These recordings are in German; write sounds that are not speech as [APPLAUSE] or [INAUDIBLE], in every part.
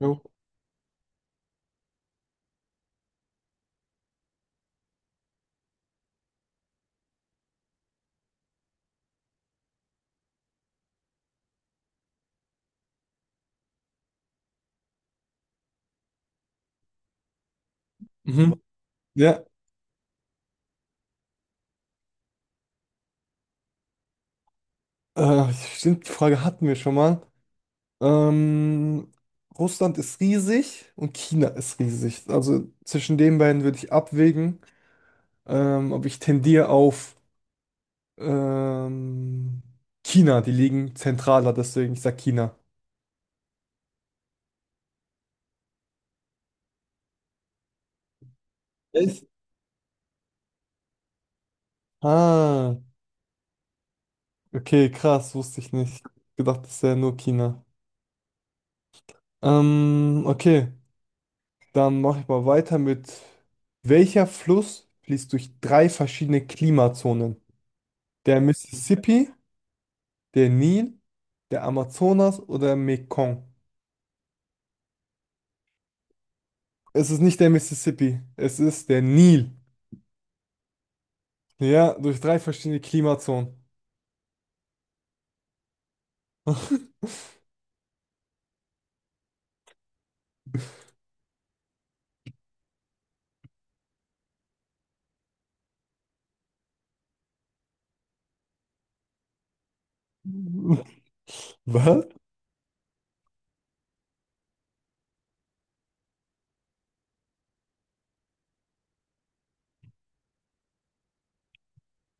Jo. Mhm. Ja, stimmt, die Frage hatten wir schon mal. Ähm, Russland ist riesig und China ist riesig. Also zwischen den beiden würde ich abwägen, ob ich tendiere auf ähm, China. Die liegen zentraler, deswegen ich sage China. Echt? Ah, okay, krass, wusste ich nicht. Ich gedacht, das wäre nur China. Okay, dann mache ich mal weiter mit: Welcher Fluss fließt durch drei verschiedene Klimazonen? Der Mississippi, der Nil, der Amazonas oder Mekong? Es ist nicht der Mississippi, es ist der Nil. Ja, durch drei verschiedene Klimazonen. [LAUGHS] Was?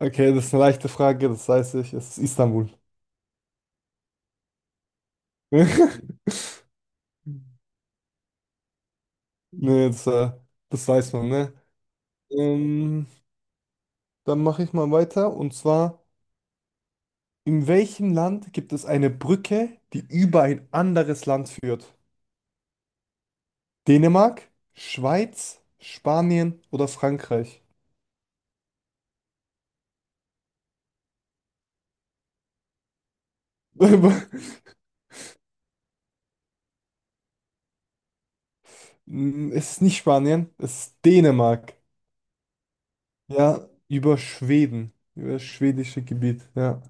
Okay, das ist eine leichte Frage, das weiß ich. Es ist Istanbul. [LAUGHS] Nee, das, das weiß man, ne? Ähm, dann mache ich mal weiter. Und zwar, in welchem Land gibt es eine Brücke, die über ein anderes Land führt? Dänemark, Schweiz, Spanien oder Frankreich? [LAUGHS] Es ist nicht Spanien, es ist Dänemark. Ja, über Schweden, über das schwedische Gebiet, ja.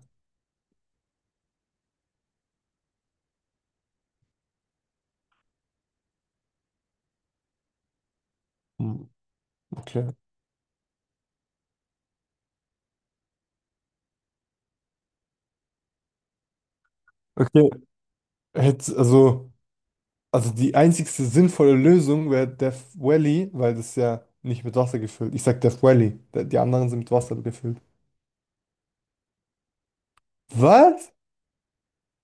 Hm, okay. Okay. Hätte, also die einzigste sinnvolle Lösung wäre Death Valley, weil das ist ja nicht mit Wasser gefüllt. Ich sag Death Valley, die anderen sind mit Wasser gefüllt. Was?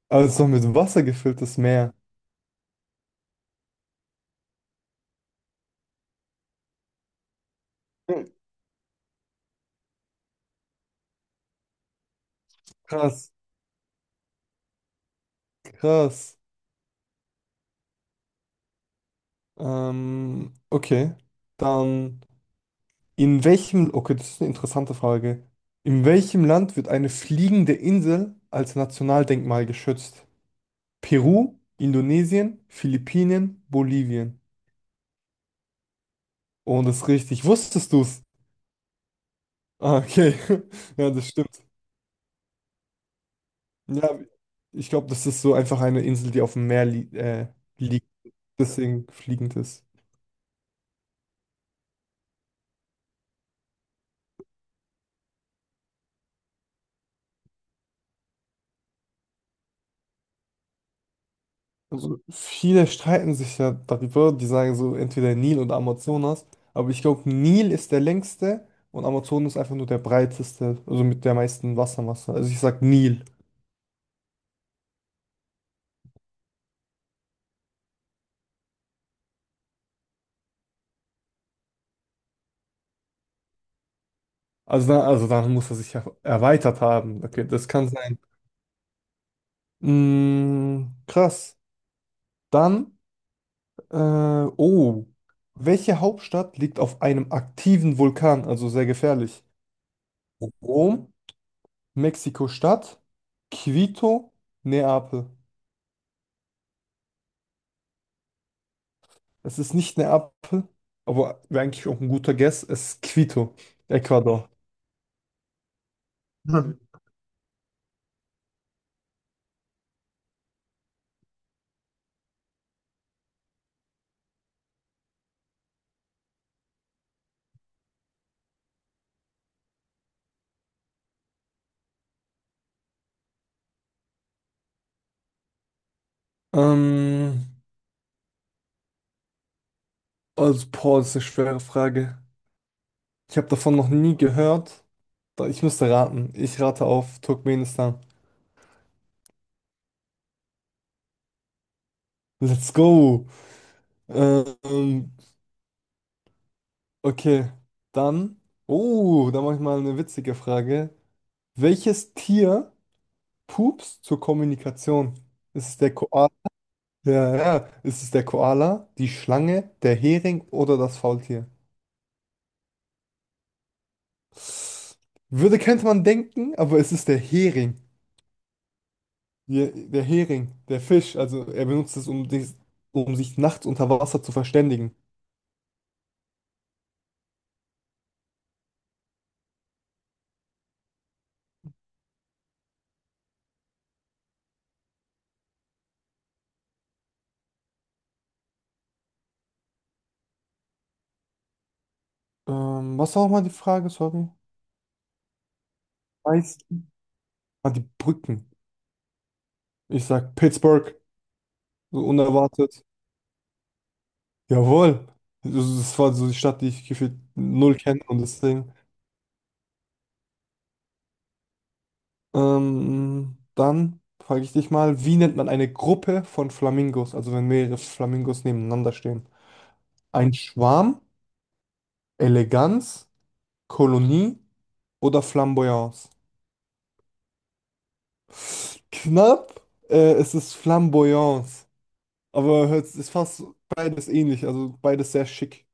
Also es ist doch mit Wasser gefülltes Meer. Hm. Krass, krass. Okay. Dann. In welchem, okay, das ist eine interessante Frage. In welchem Land wird eine fliegende Insel als Nationaldenkmal geschützt? Peru, Indonesien, Philippinen, Bolivien. Oh, das ist richtig. Wusstest du's? Ah, okay. [LAUGHS] Ja, das stimmt. Ja, ich glaube, das ist so einfach eine Insel, die auf dem Meer li liegt, deswegen fliegend ist. Also viele streiten sich ja darüber, die sagen so entweder Nil oder Amazonas, aber ich glaube, Nil ist der längste und Amazonas ist einfach nur der breiteste, also mit der meisten Wassermasse. Also ich sag Nil. Also dann muss er sich ja erweitert haben. Okay, das kann sein. Mm, krass. Dann, äh, oh, welche Hauptstadt liegt auf einem aktiven Vulkan, also sehr gefährlich? Rom, Mexiko-Stadt, Quito, Neapel. Es ist nicht Neapel, aber wäre eigentlich auch ein guter Guess. Es ist Quito, Ecuador. [LAUGHS] Hm. Ähm, also, boah, das ist eine schwere Frage. Ich habe davon noch nie gehört. Ich müsste raten. Ich rate auf Turkmenistan. Let's go. Ähm, okay, dann. Oh, da mache ich mal eine witzige Frage. Welches Tier pupst zur Kommunikation? Ist es der Koala? Ja, ja. Ist es der Koala, die Schlange, der Hering oder das Faultier? Würde, könnte man denken, aber es ist der Hering. Der, der Hering, der Fisch. Also er benutzt es, um sich nachts unter Wasser zu verständigen. Was war nochmal die Frage? Sorry. Eis. Ah, die Brücken. Ich sag Pittsburgh. So unerwartet. Jawohl. Das war so die Stadt, die ich gefühlt null kenne und deswegen. Dann frage ich dich mal, wie nennt man eine Gruppe von Flamingos? Also wenn mehrere Flamingos nebeneinander stehen. Ein Schwarm, Eleganz, Kolonie oder Flamboyance? Knapp, es ist Flamboyance. Aber es ist fast beides ähnlich, also beides sehr schick.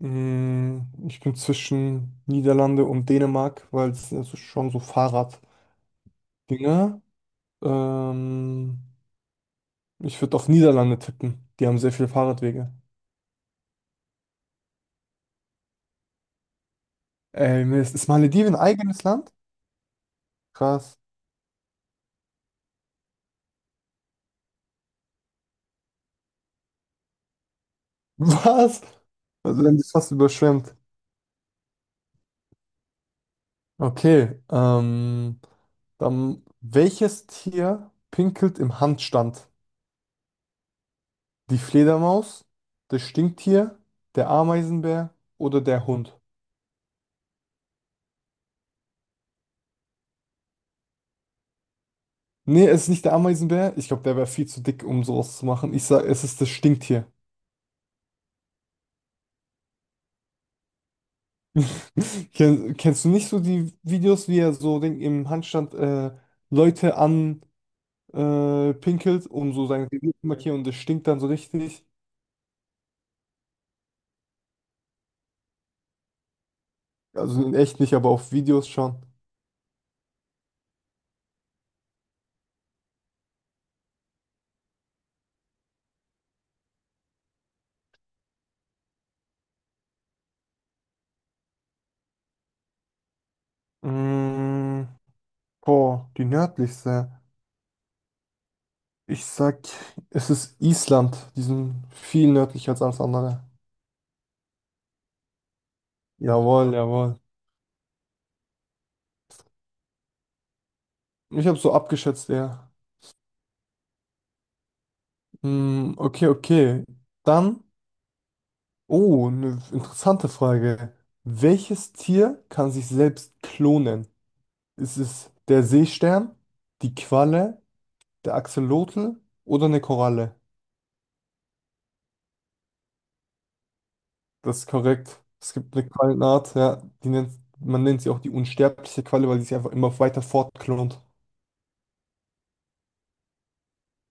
Mm, ich bin zwischen Niederlande und Dänemark, weil es ist schon so Fahrraddinger. Ähm, ich würde auf Niederlande tippen. Die haben sehr viele Fahrradwege. Ey, Mist. Ist Malediven ein eigenes Land? Krass. [LAUGHS] Was? Also, dann ist fast überschwemmt. Okay, dann welches Tier pinkelt im Handstand? Die Fledermaus, das Stinktier, der Ameisenbär oder der Hund? Nee, es ist nicht der Ameisenbär. Ich glaube, der wäre viel zu dick, um sowas zu machen. Ich sag, es ist das Stinktier. Kennst du nicht so die Videos, wie er so den, im Handstand Leute an pinkelt, um so sein Revier zu markieren und das stinkt dann so richtig? Also in echt nicht, aber auf Videos schon. Mm. Boah, die nördlichste. Ich sag, es ist Island. Die sind viel nördlicher als alles andere. Jawohl, jawohl. Ich habe so abgeschätzt, ja. Hm, okay, okay. Dann, oh, eine interessante Frage. Welches Tier kann sich selbst klonen? Ist es der Seestern, die Qualle, der Axolotl oder eine Koralle? Das ist korrekt. Es gibt eine Quallenart, ja, die nennt, man nennt sie auch die unsterbliche Qualle, weil sie sich einfach immer weiter fortklont.